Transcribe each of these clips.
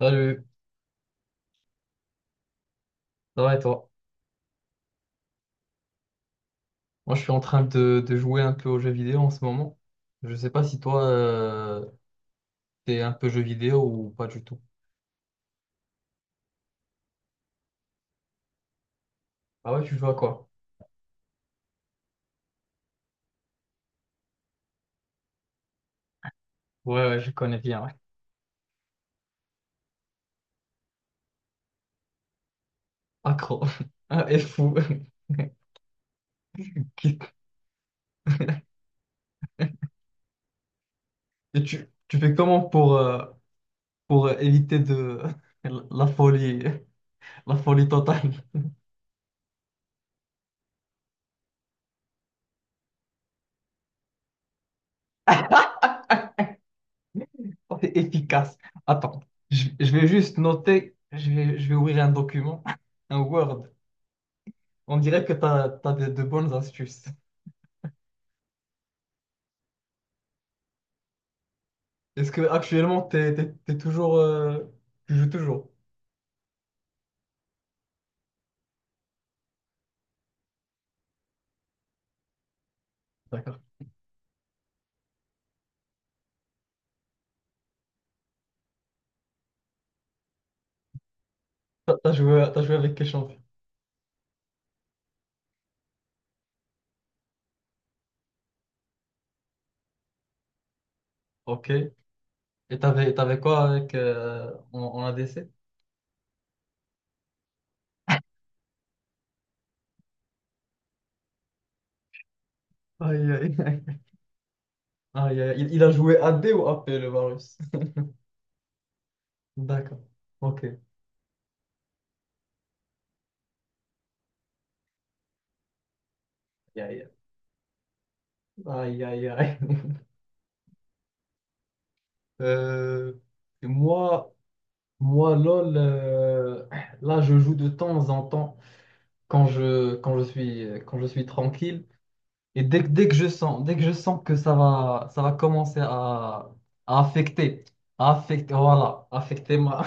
Salut, ça va et toi? Moi je suis en train de jouer un peu aux jeux vidéo en ce moment. Je sais pas si toi t'es un peu jeu vidéo ou pas du tout. Ah ouais, tu joues à quoi? Ouais, ouais, je connais bien, ouais. Accro. Ah, et fou. Qui- Et tu fais comment pour éviter de la folie, la folie totale? C'est efficace. Attends, je vais juste noter, je vais ouvrir un document, un Word. On dirait que t'as de bonnes astuces. Est-ce que actuellement t'es toujours tu joues toujours? D'accord. T'as joué avec quel champion? Ok. Et t'avais quoi avec en, en ADC? Aïe, aïe, aïe. Aïe, aïe. Il a joué AD ou AP le Varus? D'accord. Ok. Aïe, aïe, aïe. Aïe, aïe. Euh, et moi moi LOL, là je joue de temps en temps quand je suis tranquille. Et dès que je sens, dès que je sens que ça va commencer à affecter, à affecter, voilà, affecter ma,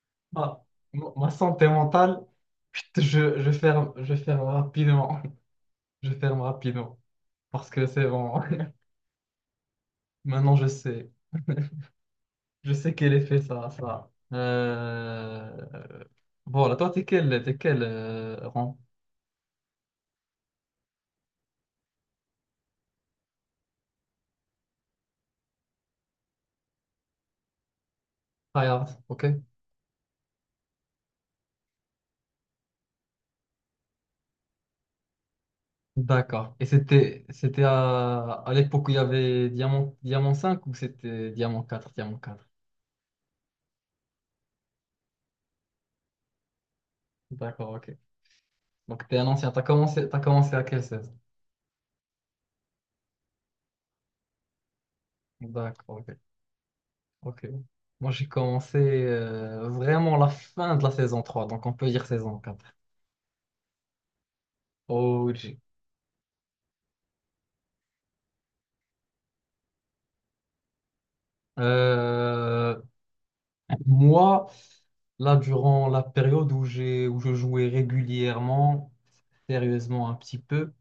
ma, ma santé mentale. Chut, je ferme rapidement, je ferme rapidement, parce que c'est bon. Maintenant, je sais quel effet ça, a, ça. A. Voilà, toi, t'es quel rang? Tryhard, ok? D'accord. Et c'était à l'époque où il y avait Diamant, Diamant 5, ou c'était Diamant 4, Diamant 4. D'accord, ok. Donc t'es un ancien, t'as commencé à quelle saison? D'accord, ok. Ok. Moi j'ai commencé vraiment la fin de la saison 3, donc on peut dire saison 4. Oh. Euh, moi, Là, durant la période où je jouais régulièrement, sérieusement un petit peu,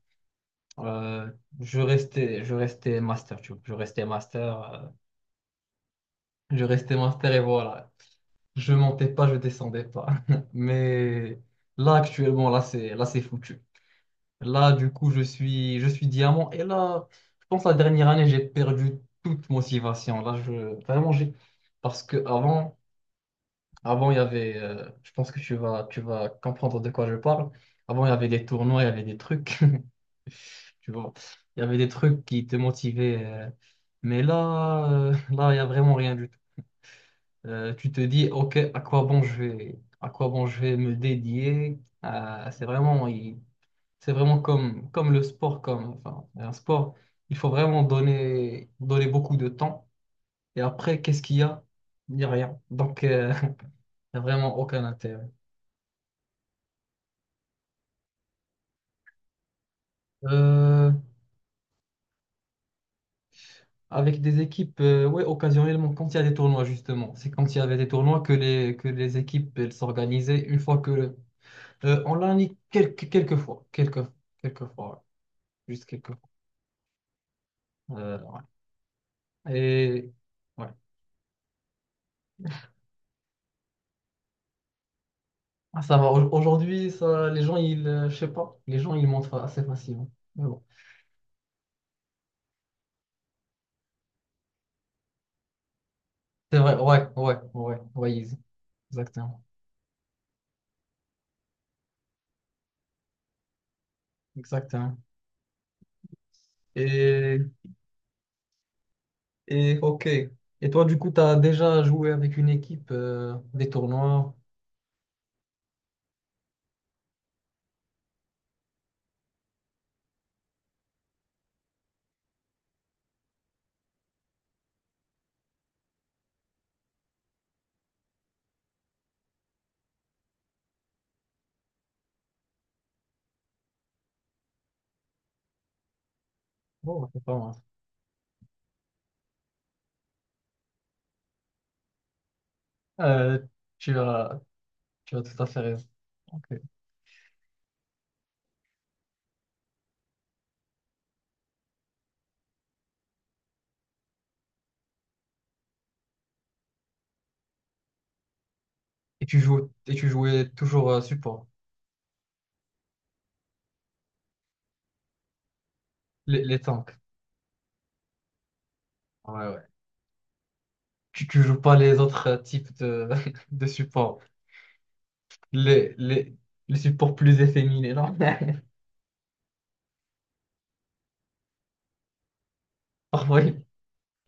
euh, je restais master, tu vois. Je restais master. Je restais master et voilà. Je montais pas, je descendais pas. Mais là, actuellement, là, c'est foutu. Là, du coup, je suis diamant. Et là, je pense la dernière année, j'ai perdu toute motivation. Là, je, vraiment, j'ai. Parce que avant, avant, il y avait. Je pense que tu vas comprendre de quoi je parle. Avant, il y avait des tournois, il y avait des trucs. Tu vois, il y avait des trucs qui te motivaient. Mais là, là, il y a vraiment rien du tu te dis, OK, à quoi bon je vais me dédier? C'est vraiment, c'est vraiment comme, comme le sport, comme, enfin, un sport, il faut vraiment donner, donner beaucoup de temps. Et après, qu'est-ce qu'il y a? Il n'y a rien. Donc, il n'y a vraiment aucun intérêt. Euh, Avec des équipes, ouais, occasionnellement, quand il y a des tournois, justement, c'est quand il y avait des tournois que les équipes, elles s'organisaient une fois que... On l'a mis quelques, quelques fois, ouais, juste quelques. Ouais. Et ouais. Ah, ça va. Aujourd'hui, ça, les gens, je sais pas, les gens, ils montrent assez facilement. Mais bon. C'est vrai, ouais, ouais, ouais, ouais, easy. Exactement. Exactement. Et, et ok. Et toi, du coup, tu as déjà joué avec une équipe, des tournois. Bon, bah, c'est pas mal. Euh, Tu as, tu as tout à fait raison. Ok. Et tu joues, et tu jouais toujours support, les tanks. Ouais, ouais. Tu joues pas les autres types de, de supports. les, les, les supports plus efféminés, là. Parfois,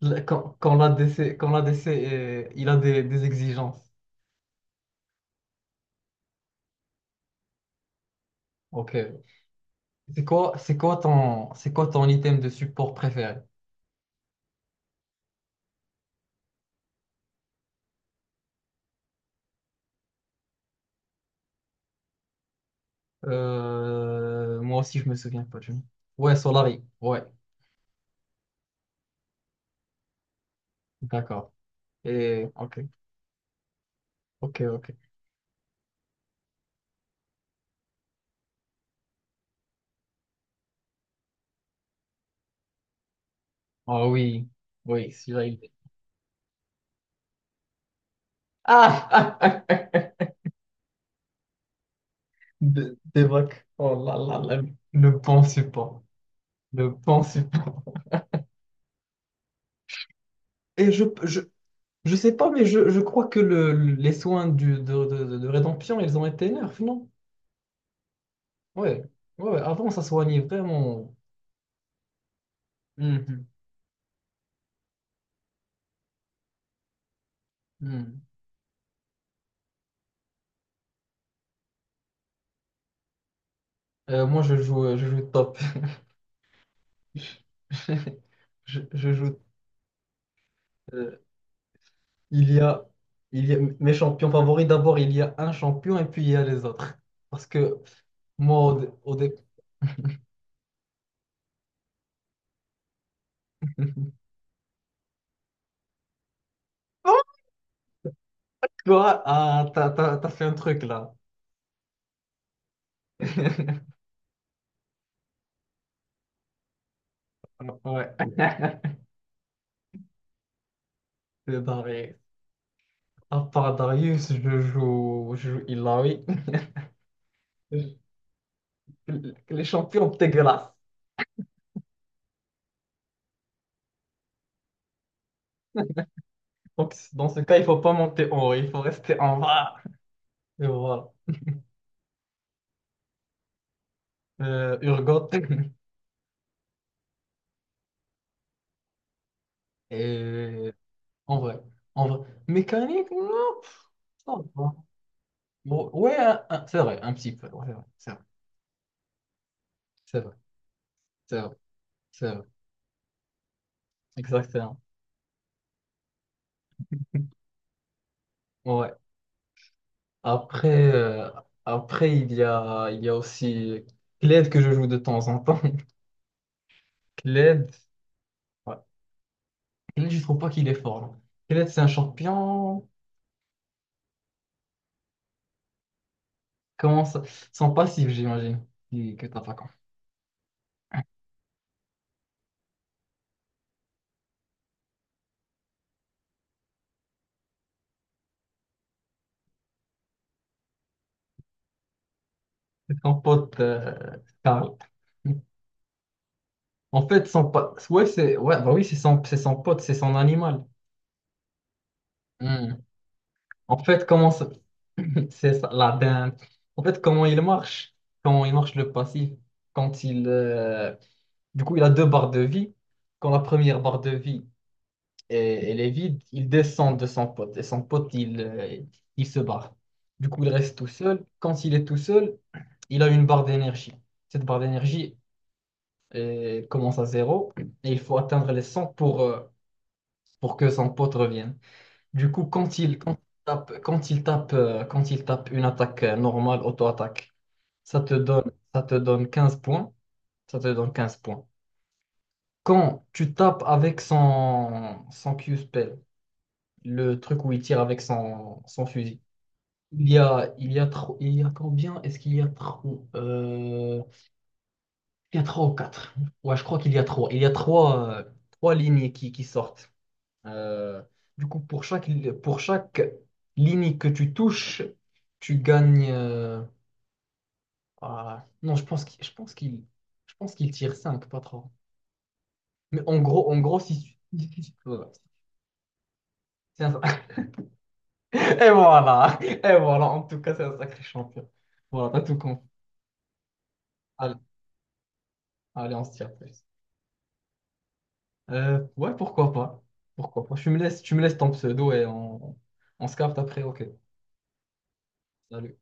quand, quand l'ADC, quand l'ADC il a des exigences. Ok. C'est quoi ton item de support préféré? Moi aussi, je me souviens pas du nom. Ouais, Solari. Ouais, d'accord. Et, ok, ok, ok. Ah oui, oui, Ah! Des vagues. Oh là là là, le bon support. Le bon support. Et je sais pas, mais je crois que le, les soins de rédemption, ils ont été nerfs, non? Ouais. Ouais, ouais, avant, ça soignait vraiment. Mhm, mhm. Je joue, je joue top. Je joue. euh, il y a, il y a mes champions favoris. D'abord, il y a un champion et puis il y a les autres. Parce que moi, Oh. Toi, ah, t'as, t'as- T'as fait un truc là. Ouais. C'est barré. À part Darius, je joue Ilaoi. Les champions dégueulasses. Donc, dans ce cas, il faut pas monter en haut, il faut rester en bas. Et voilà. Urgot. Et en vrai, en vrai. Mécanique, non, ça va. Bon, ouais, c'est vrai, un petit peu. Ouais, ouais, c'est vrai, c'est vrai, c'est vrai, c'est vrai. Exactement. Ouais. Après, après il y a aussi Kled que je joue de temps en temps. Kled. Ouais. Kenneth, je trouve pas qu'il est fort, là. Kenneth, c'est un champion. Comment ça... Sans passif, j'imagine. Que t'as pas compris. C'est son pote, Karl. En fait, son pote. Ouais, c'est. Ouais, bah oui, c'est son pote, c'est son animal. Hmm. En fait, comment ça. C'est ça, la dinde. En fait, comment il marche? Comment il marche le passif? Quand il. Du coup, il a deux barres de vie. Quand la première barre de vie, et elle est vide, il descend de son pote. Et son pote, il se barre. Du coup, il reste tout seul. Quand il est tout seul, il a une barre d'énergie. Cette barre d'énergie commence à zéro et il faut atteindre les 100 pour que son pote revienne. Du coup, quand il tape, quand il tape, quand il tape une attaque normale, auto-attaque, ça te donne 15 points. Ça te donne 15 points. Quand tu tapes avec son Q-spell, le truc où il tire avec son fusil. Il y a combien? Est-ce qu'il y a trop? Il y a trois ou quatre. Ouais, je crois qu'il y a trois. Il y a trois, trois lignes qui sortent. Euh, du coup, pour chaque ligne que tu touches, tu gagnes. Non, je pense qu'il tire cinq, pas trois. Mais en gros, si tu- voilà. C'est un- Et voilà, et voilà. En tout cas, c'est un sacré champion. Voilà, t'as tout compris. Allez. Allez, on se tire plus. Ouais, pourquoi pas. Pourquoi pas. Tu me laisses ton pseudo et on se capte après. Ok. Salut.